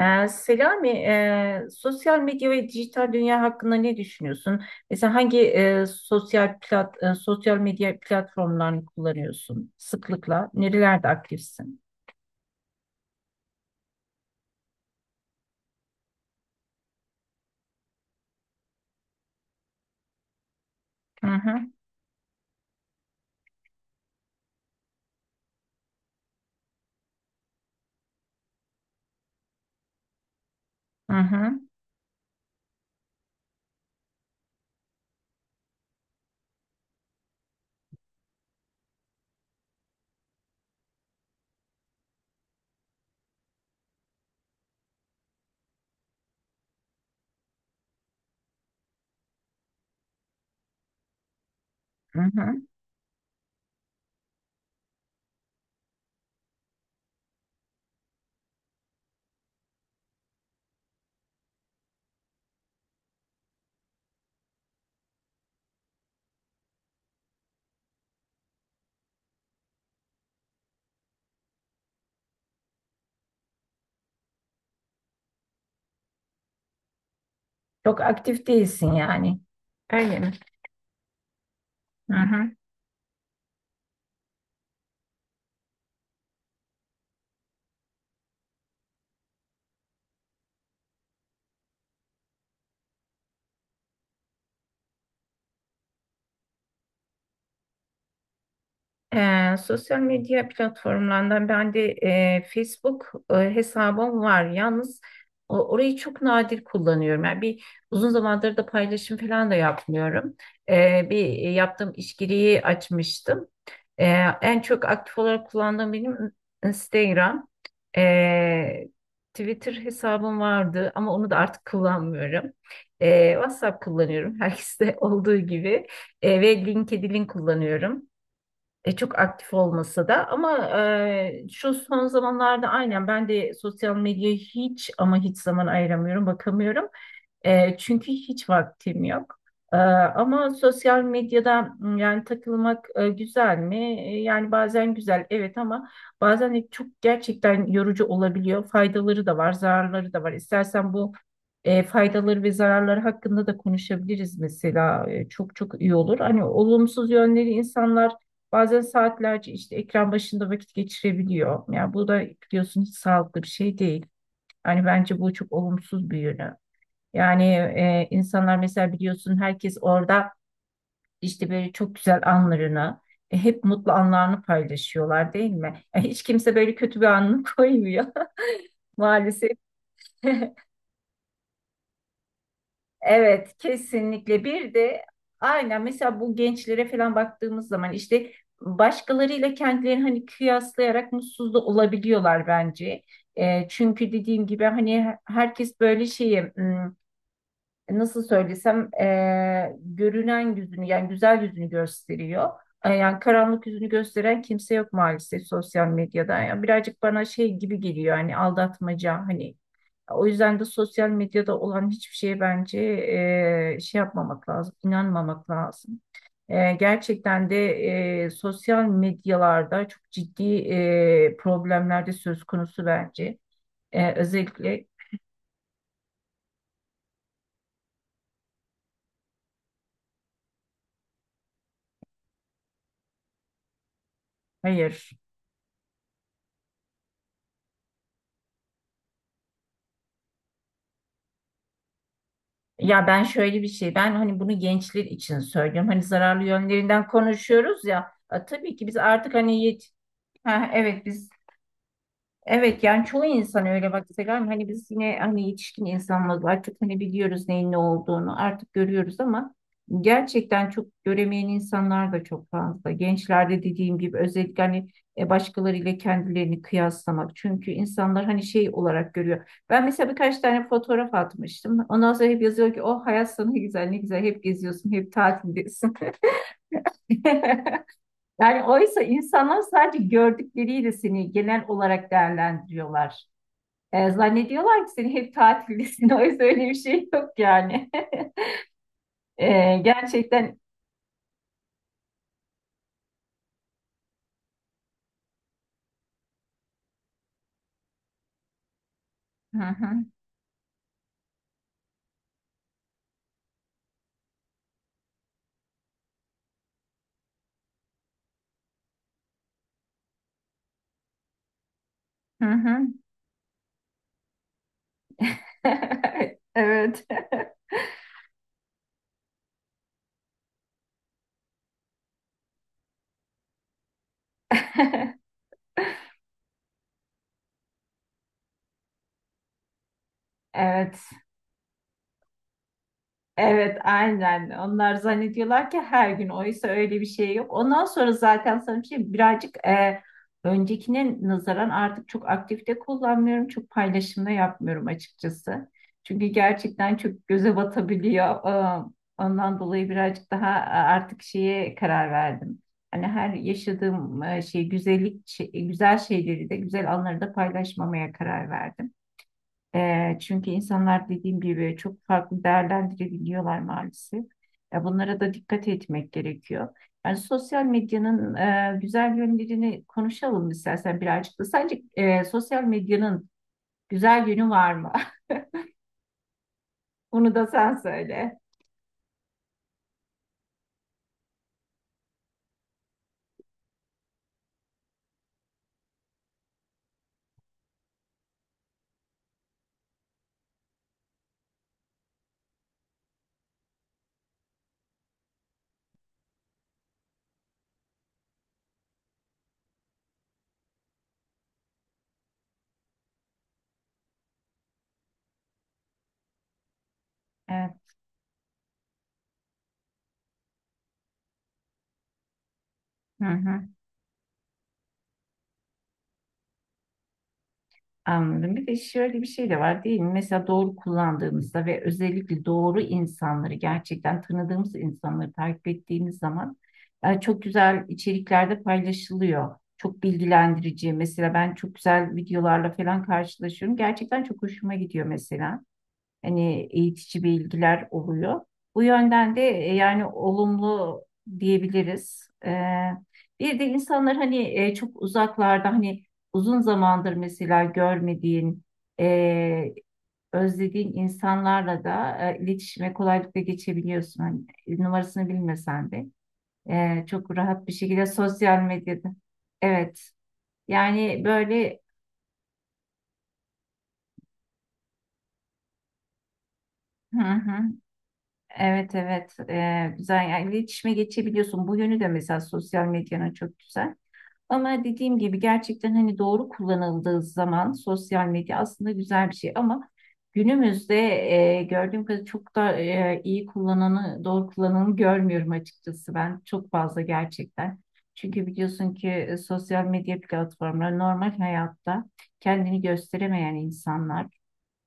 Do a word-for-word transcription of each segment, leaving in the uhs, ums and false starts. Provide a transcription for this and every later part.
Ee, Selami, e, sosyal medya ve dijital dünya hakkında ne düşünüyorsun? Mesela hangi e, sosyal plat, e, sosyal medya platformlarını kullanıyorsun sıklıkla? Nerelerde aktifsin? Hı hı. Hı hı. Hı hı. Çok aktif değilsin yani. Öyle mi? Hı hı. Ee, sosyal medya platformlarından ben de e, Facebook e, hesabım var. Yalnız o- orayı çok nadir kullanıyorum. Yani bir uzun zamandır da paylaşım falan da yapmıyorum. Ee, bir yaptığım iş giriyi açmıştım. Ee, En çok aktif olarak kullandığım benim Instagram. Ee, Twitter hesabım vardı ama onu da artık kullanmıyorum. Ee, WhatsApp kullanıyorum herkeste olduğu gibi. Ee, ve LinkedIn kullanıyorum. E, çok aktif olmasa da ama e, şu son zamanlarda aynen ben de sosyal medyaya hiç ama hiç zaman ayıramıyorum, bakamıyorum. E, çünkü hiç vaktim yok. E, ama sosyal medyada m, yani takılmak e, güzel mi? E, yani bazen güzel, evet, ama bazen de çok gerçekten yorucu olabiliyor. Faydaları da var, zararları da var. İstersen bu e, faydaları ve zararları hakkında da konuşabiliriz mesela. E, çok çok iyi olur. Hani olumsuz yönleri, insanlar bazen saatlerce işte ekran başında vakit geçirebiliyor. Yani bu da biliyorsun hiç sağlıklı bir şey değil. Yani bence bu çok olumsuz bir yönü. Yani e, insanlar mesela biliyorsun herkes orada işte böyle çok güzel anlarını, e, hep mutlu anlarını paylaşıyorlar, değil mi? E, hiç kimse böyle kötü bir anını koymuyor maalesef. Evet, kesinlikle. Bir de aynen mesela bu gençlere falan baktığımız zaman işte başkalarıyla kendilerini hani kıyaslayarak mutsuz da olabiliyorlar bence. E, çünkü dediğim gibi hani herkes böyle şeyi nasıl söylesem e, görünen yüzünü yani güzel yüzünü gösteriyor. E, Yani karanlık yüzünü gösteren kimse yok maalesef sosyal medyada. Yani birazcık bana şey gibi geliyor, hani aldatmaca, hani o yüzden de sosyal medyada olan hiçbir şeye bence e, şey yapmamak lazım, inanmamak lazım. E, gerçekten de e, sosyal medyalarda çok ciddi e, problemler de söz konusu bence. E, özellikle. Hayır. Ya, ben şöyle bir şey, ben hani bunu gençler için söylüyorum. Hani zararlı yönlerinden konuşuyoruz ya. E, tabii ki biz artık hani yet, ha, evet, biz. Evet, yani çoğu insan öyle, bak Selam, hani biz yine hani yetişkin insanlarız artık, hani biliyoruz neyin ne olduğunu, artık görüyoruz, ama gerçekten çok göremeyen insanlar da çok fazla. Gençlerde dediğim gibi özellikle hani e, başkalarıyla kendilerini kıyaslamak, çünkü insanlar hani şey olarak görüyor. Ben mesela birkaç tane fotoğraf atmıştım, ondan sonra hep yazıyor ki, oh, hayat sana ne güzel, ne güzel, hep geziyorsun, hep tatildesin. Yani oysa insanlar sadece gördükleriyle seni genel olarak değerlendiriyorlar. E, zannediyorlar ki seni hep tatildesin. Oysa öyle bir şey yok yani. E, gerçekten. Hı hı. Hı hı. Evet. Evet. Evet, aynen. Onlar zannediyorlar ki her gün. Oysa öyle bir şey yok. Ondan sonra zaten sana bir şey birazcık e, öncekine nazaran artık çok aktif de kullanmıyorum. Çok paylaşımda yapmıyorum açıkçası. Çünkü gerçekten çok göze batabiliyor. E, Ondan dolayı birazcık daha e, artık şeye karar verdim. Hani her yaşadığım e, şey güzellik, şey- güzel şeyleri de güzel anları da paylaşmamaya karar verdim. E, çünkü insanlar dediğim gibi çok farklı değerlendirebiliyorlar maalesef. E, bunlara da dikkat etmek gerekiyor. Yani sosyal medyanın e, güzel yönlerini konuşalım istersen birazcık da. Sence e, sosyal medyanın güzel yönü var mı? Bunu da sen söyle. Evet. Hı hı. Anladım. Bir de şöyle bir şey de var, değil mi? Mesela doğru kullandığımızda ve özellikle doğru insanları, gerçekten tanıdığımız insanları takip ettiğimiz zaman e, çok güzel içeriklerde paylaşılıyor. Çok bilgilendirici. Mesela ben çok güzel videolarla falan karşılaşıyorum. Gerçekten çok hoşuma gidiyor mesela, hani eğitici bilgiler oluyor. Bu yönden de e, yani olumlu diyebiliriz. Ee, bir de insanlar, hani e, çok uzaklarda, hani uzun zamandır mesela görmediğin, e, özlediğin insanlarla da e, iletişime kolaylıkla geçebiliyorsun. Hani numarasını bilmesen de e, çok rahat bir şekilde sosyal medyada. Evet. Yani böyle. Hı hı. Evet, evet. Ee, güzel, yani iletişime geçebiliyorsun. Bu yönü de mesela sosyal medyanın çok güzel. Ama dediğim gibi gerçekten hani doğru kullanıldığı zaman sosyal medya aslında güzel bir şey, ama günümüzde e, gördüğüm kadarıyla çok da e, iyi kullananı, doğru kullananı görmüyorum açıkçası ben, çok fazla gerçekten. Çünkü biliyorsun ki e, sosyal medya platformları normal hayatta kendini gösteremeyen insanlar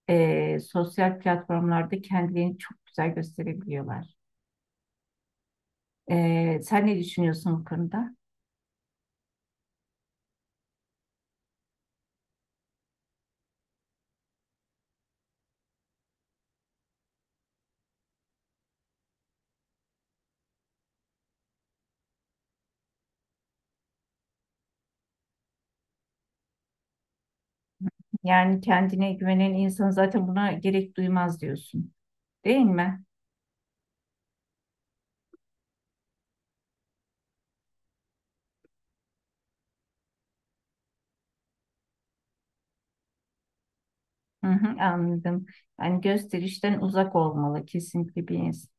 e, sosyal platformlarda kendilerini çok güzel gösterebiliyorlar. Ee, sen ne düşünüyorsun bu konuda? Yani kendine güvenen insan zaten buna gerek duymaz diyorsun, değil mi? Hı hı, anladım. Yani gösterişten uzak olmalı kesinlikle bir insan.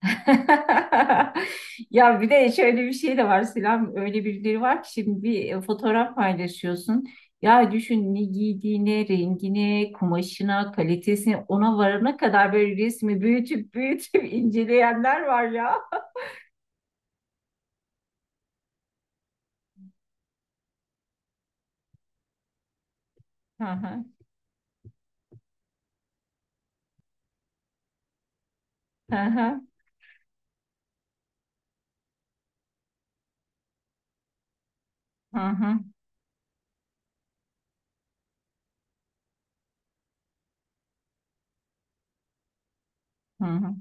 Ya, bir de şöyle bir şey de var Selam. Öyle birileri var ki şimdi bir e, fotoğraf paylaşıyorsun. Ya düşün, ne giydiğine, rengine, kumaşına, kalitesine, ona varana kadar böyle resmi büyütüp büyütüp inceleyenler var ya. Hı hı. Hı hı. Hı hı. Hı hı.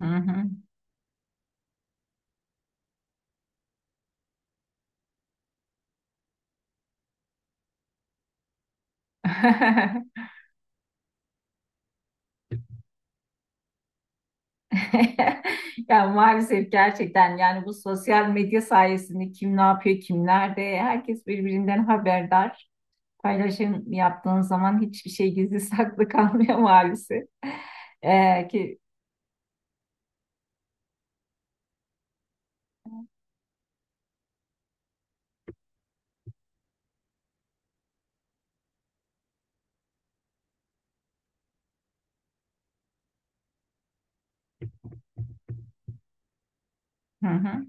Hı hı. Ya maalesef gerçekten, yani bu sosyal medya sayesinde kim ne yapıyor, kim nerede, herkes birbirinden haberdar. Paylaşım yaptığın zaman hiçbir şey gizli saklı kalmıyor maalesef. Ee, ki. Hı hı.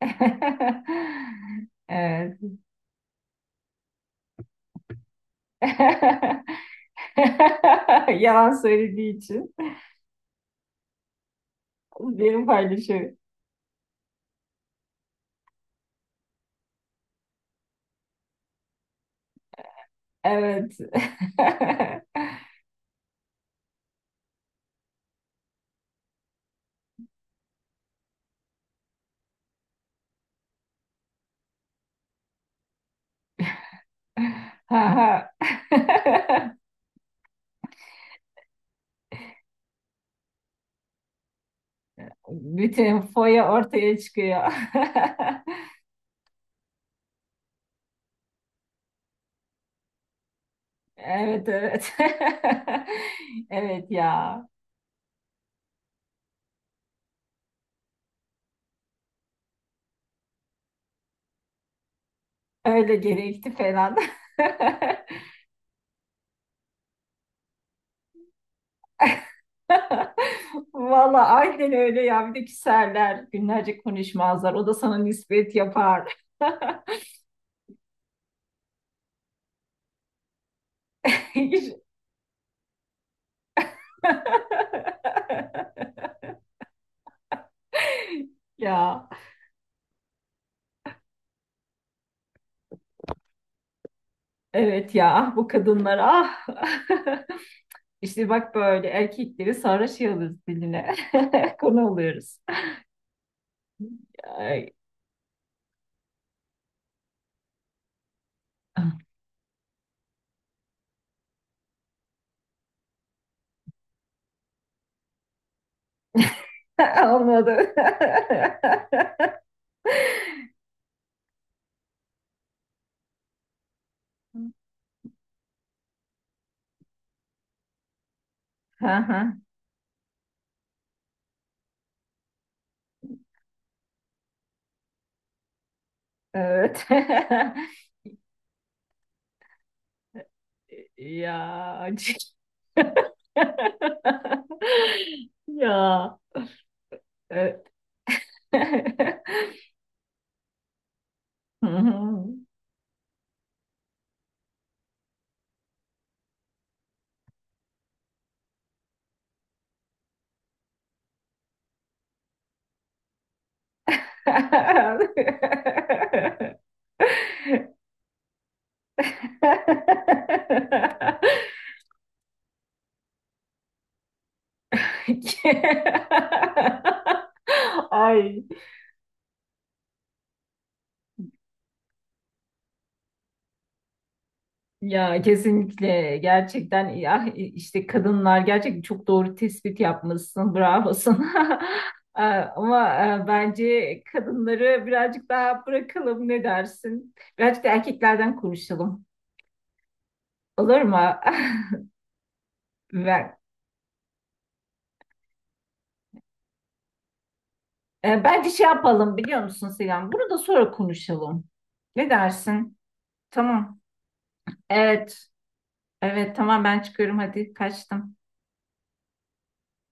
Evet. Yalan söylediği için benim paylaşıyorum. Evet. Ha ha. Bütün foya ortaya çıkıyor. Evet, evet. Evet ya. Öyle gerekti falan. Valla aynen öyle ya. Bir de küserler. Günlerce konuşmazlar. O da sana nispet yapar. Hiç- Ya, evet, ya, ah, bu kadınlar, ah. İşte bak böyle erkekleri sarhoş yalıyoruz diline. Konu oluyoruz. Ay. Olmadı. Hı. Hı. Evet. Ya. c- Ya. Evet. Hı hı. Ay. Ya kesinlikle gerçekten ya, işte kadınlar gerçekten çok doğru tespit yapmışsın. Bravo sana. Ee, Ama e, bence kadınları birazcık daha bırakalım, ne dersin? Birazcık da erkeklerden konuşalım. Olur mu? Ben, e, Bence şey yapalım biliyor musun Selam? Bunu da sonra konuşalım. Ne dersin? Tamam. Evet. Evet, tamam, ben çıkıyorum, hadi kaçtım.